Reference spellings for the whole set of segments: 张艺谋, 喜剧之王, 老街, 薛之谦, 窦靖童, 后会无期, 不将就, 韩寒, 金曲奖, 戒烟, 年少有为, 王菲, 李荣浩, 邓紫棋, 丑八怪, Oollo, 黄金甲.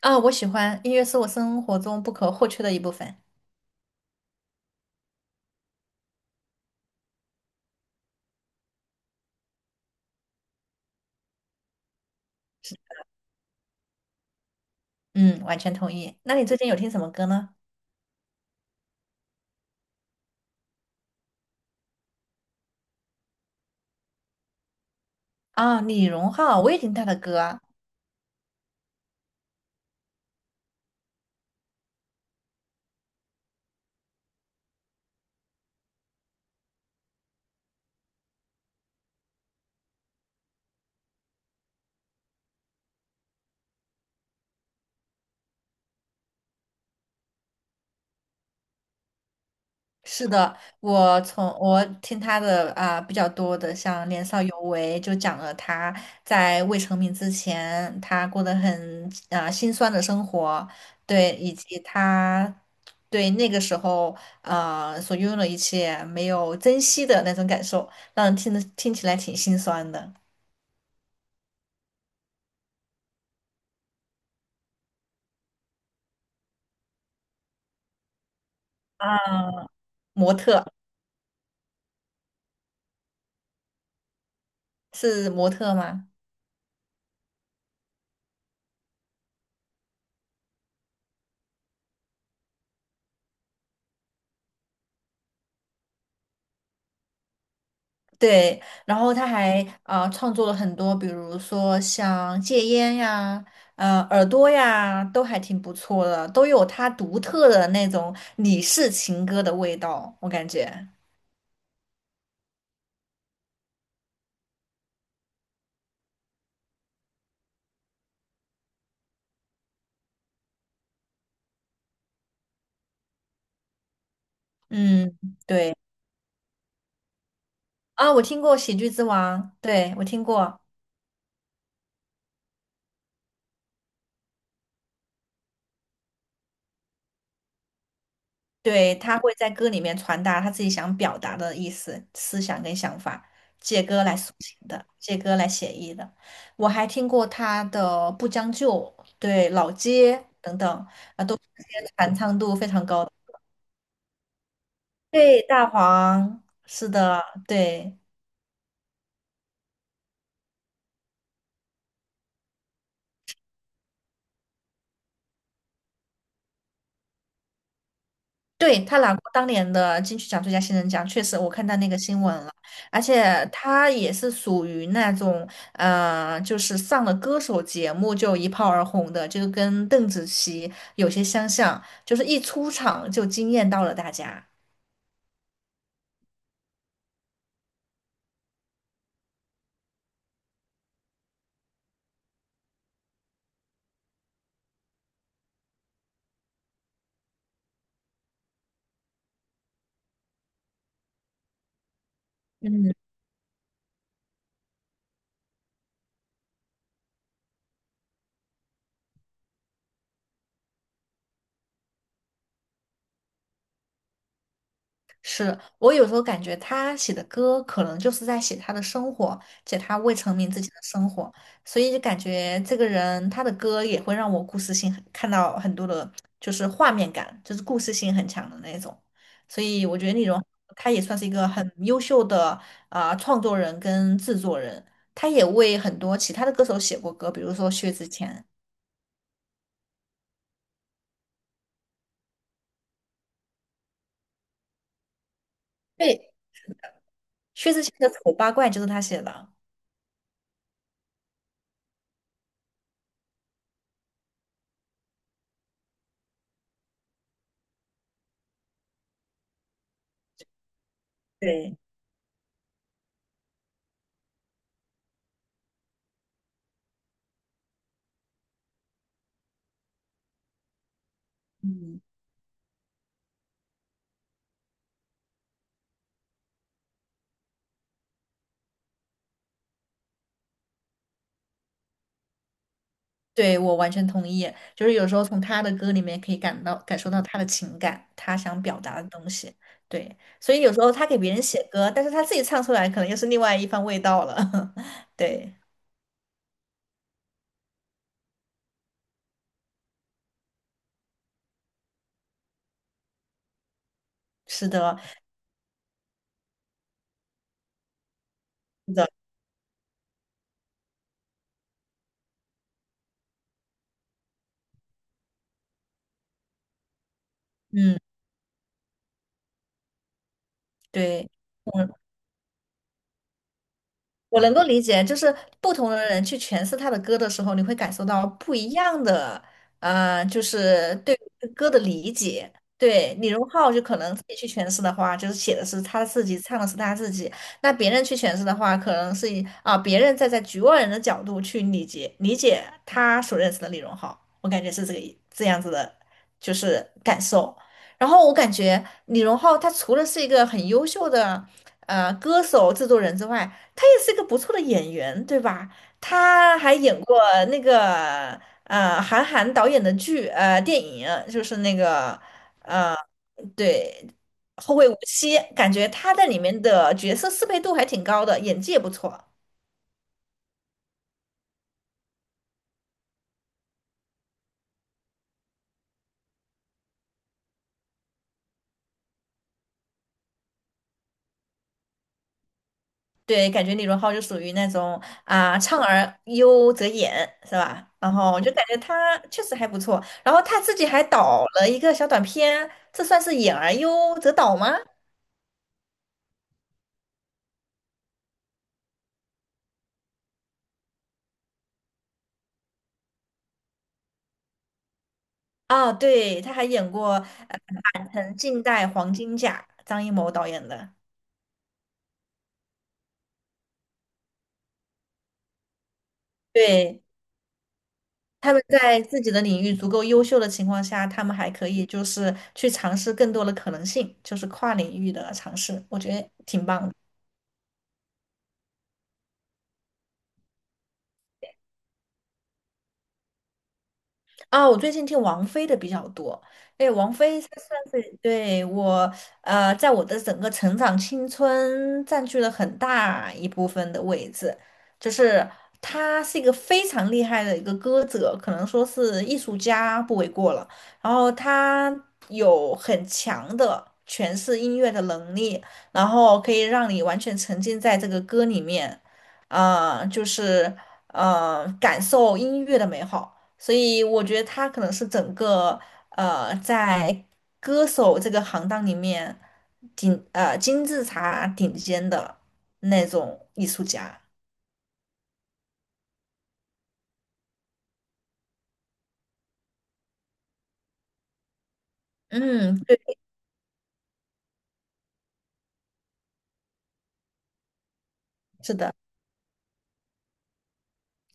啊，我喜欢音乐是我生活中不可或缺的一部分。嗯，完全同意。那你最近有听什么歌呢？啊，李荣浩，我也听他的歌啊。是的，我从我听他的比较多的，像《年少有为》，就讲了他在未成名之前，他过得很辛酸的生活，对，以及他对那个时候所拥有的一切没有珍惜的那种感受，让人听得听起来挺心酸的。啊，模特。是模特吗？对，然后他还创作了很多，比如说像戒烟呀、耳朵呀，都还挺不错的，都有他独特的那种李氏情歌的味道，我感觉。嗯，对。啊，我听过《喜剧之王》，对，我听过。对，他会在歌里面传达他自己想表达的意思、思想跟想法，借歌来抒情的，借歌来写意的。我还听过他的《不将就》、对《老街》等等，这些传唱度非常高的。对，大黄，是的，对。对，他拿过当年的金曲奖最佳新人奖，确实我看到那个新闻了，而且他也是属于那种，就是上了歌手节目就一炮而红的，就跟邓紫棋有些相像，就是一出场就惊艳到了大家。嗯。是，我有时候感觉他写的歌可能就是在写他的生活，写他未成名自己的生活，所以就感觉这个人他的歌也会让我故事性很看到很多的，就是画面感，就是故事性很强的那种。所以我觉得那种他也算是一个很优秀的创作人跟制作人，他也为很多其他的歌手写过歌，比如说薛之谦，对，薛之谦的《丑八怪》就是他写的。对。对，我完全同意，就是有时候从他的歌里面可以感到感受到他的情感，他想表达的东西。对，所以有时候他给别人写歌，但是他自己唱出来，可能又是另外一番味道了。对，是的，是的，嗯，对。嗯。我能够理解，就是不同的人去诠释他的歌的时候，你会感受到不一样的，就是对歌的理解。对，李荣浩就可能自己去诠释的话，就是写的是他自己，唱的是他自己；那别人去诠释的话，可能是以别人站在局外人的角度去理解他所认识的李荣浩。我感觉是这个意这样子的，就是感受。然后我感觉李荣浩他除了是一个很优秀的歌手、制作人之外，他也是一个不错的演员，对吧？他还演过那个韩寒导演的剧电影，就是那个对《后会无期》，感觉他在里面的角色适配度还挺高的，演技也不错。对，感觉李荣浩就属于那种唱而优则演，是吧？然后我就感觉他确实还不错，然后他自己还导了一个小短片，这算是演而优则导吗？啊，对，他还演过。呃很近代黄金甲，张艺谋导演的。对，他们在自己的领域足够优秀的情况下，他们还可以就是去尝试更多的可能性，就是跨领域的尝试，我觉得挺棒的。啊，我最近听王菲的比较多。哎，王菲她算是对我，在我的整个成长青春占据了很大一部分的位置。就是她是一个非常厉害的一个歌者，可能说是艺术家不为过了。然后她有很强的诠释音乐的能力，然后可以让你完全沉浸在这个歌里面，啊、就是感受音乐的美好。所以我觉得他可能是整个在歌手这个行当里面金字塔顶尖的那种艺术家。嗯，对，是的。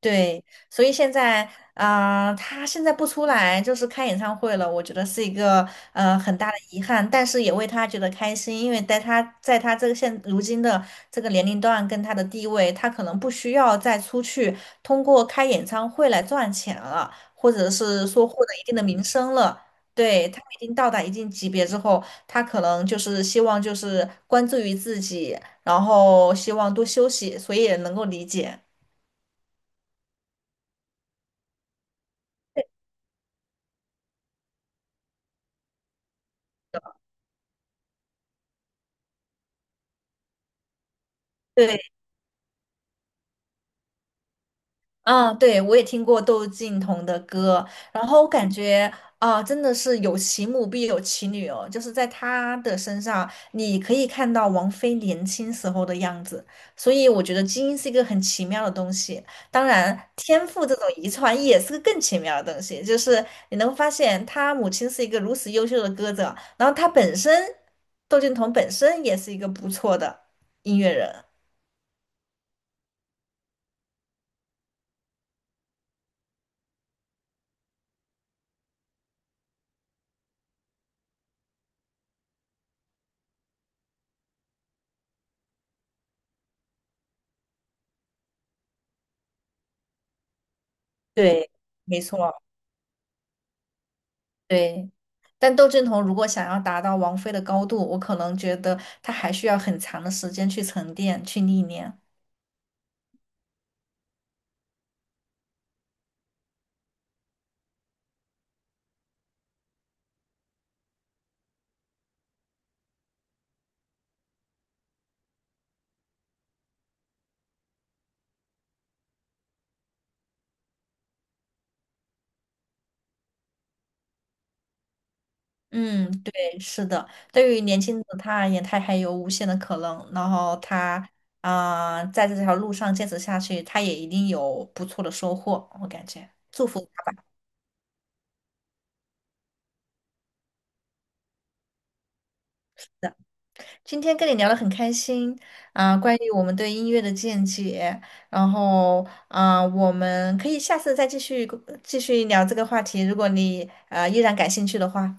对，所以现在，啊，他现在不出来，就是开演唱会了，我觉得是一个很大的遗憾，但是也为他觉得开心，因为在他这个现如今的这个年龄段跟他的地位，他可能不需要再出去通过开演唱会来赚钱了，或者是说获得一定的名声了。对，他已经到达一定级别之后，他可能就是希望就是关注于自己，然后希望多休息，所以也能够理解。对。嗯，对，我也听过窦靖童的歌，然后我感觉啊，真的是有其母必有其女哦，就是在他的身上，你可以看到王菲年轻时候的样子，所以我觉得基因是一个很奇妙的东西，当然天赋这种遗传也是个更奇妙的东西，就是你能发现他母亲是一个如此优秀的歌者，然后他本身，窦靖童本身也是一个不错的音乐人，对，没错。对，但窦靖童如果想要达到王菲的高度，我可能觉得他还需要很长的时间去沉淀、去历练。嗯，对，是的。对于年轻的他而言，他还有无限的可能。然后他在这条路上坚持下去，他也一定有不错的收获。我感觉，祝福。今天跟你聊得很开心啊，关于我们对音乐的见解，然后啊，我们可以下次再继续聊这个话题，如果你依然感兴趣的话，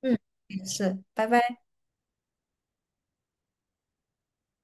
嗯，是，拜拜。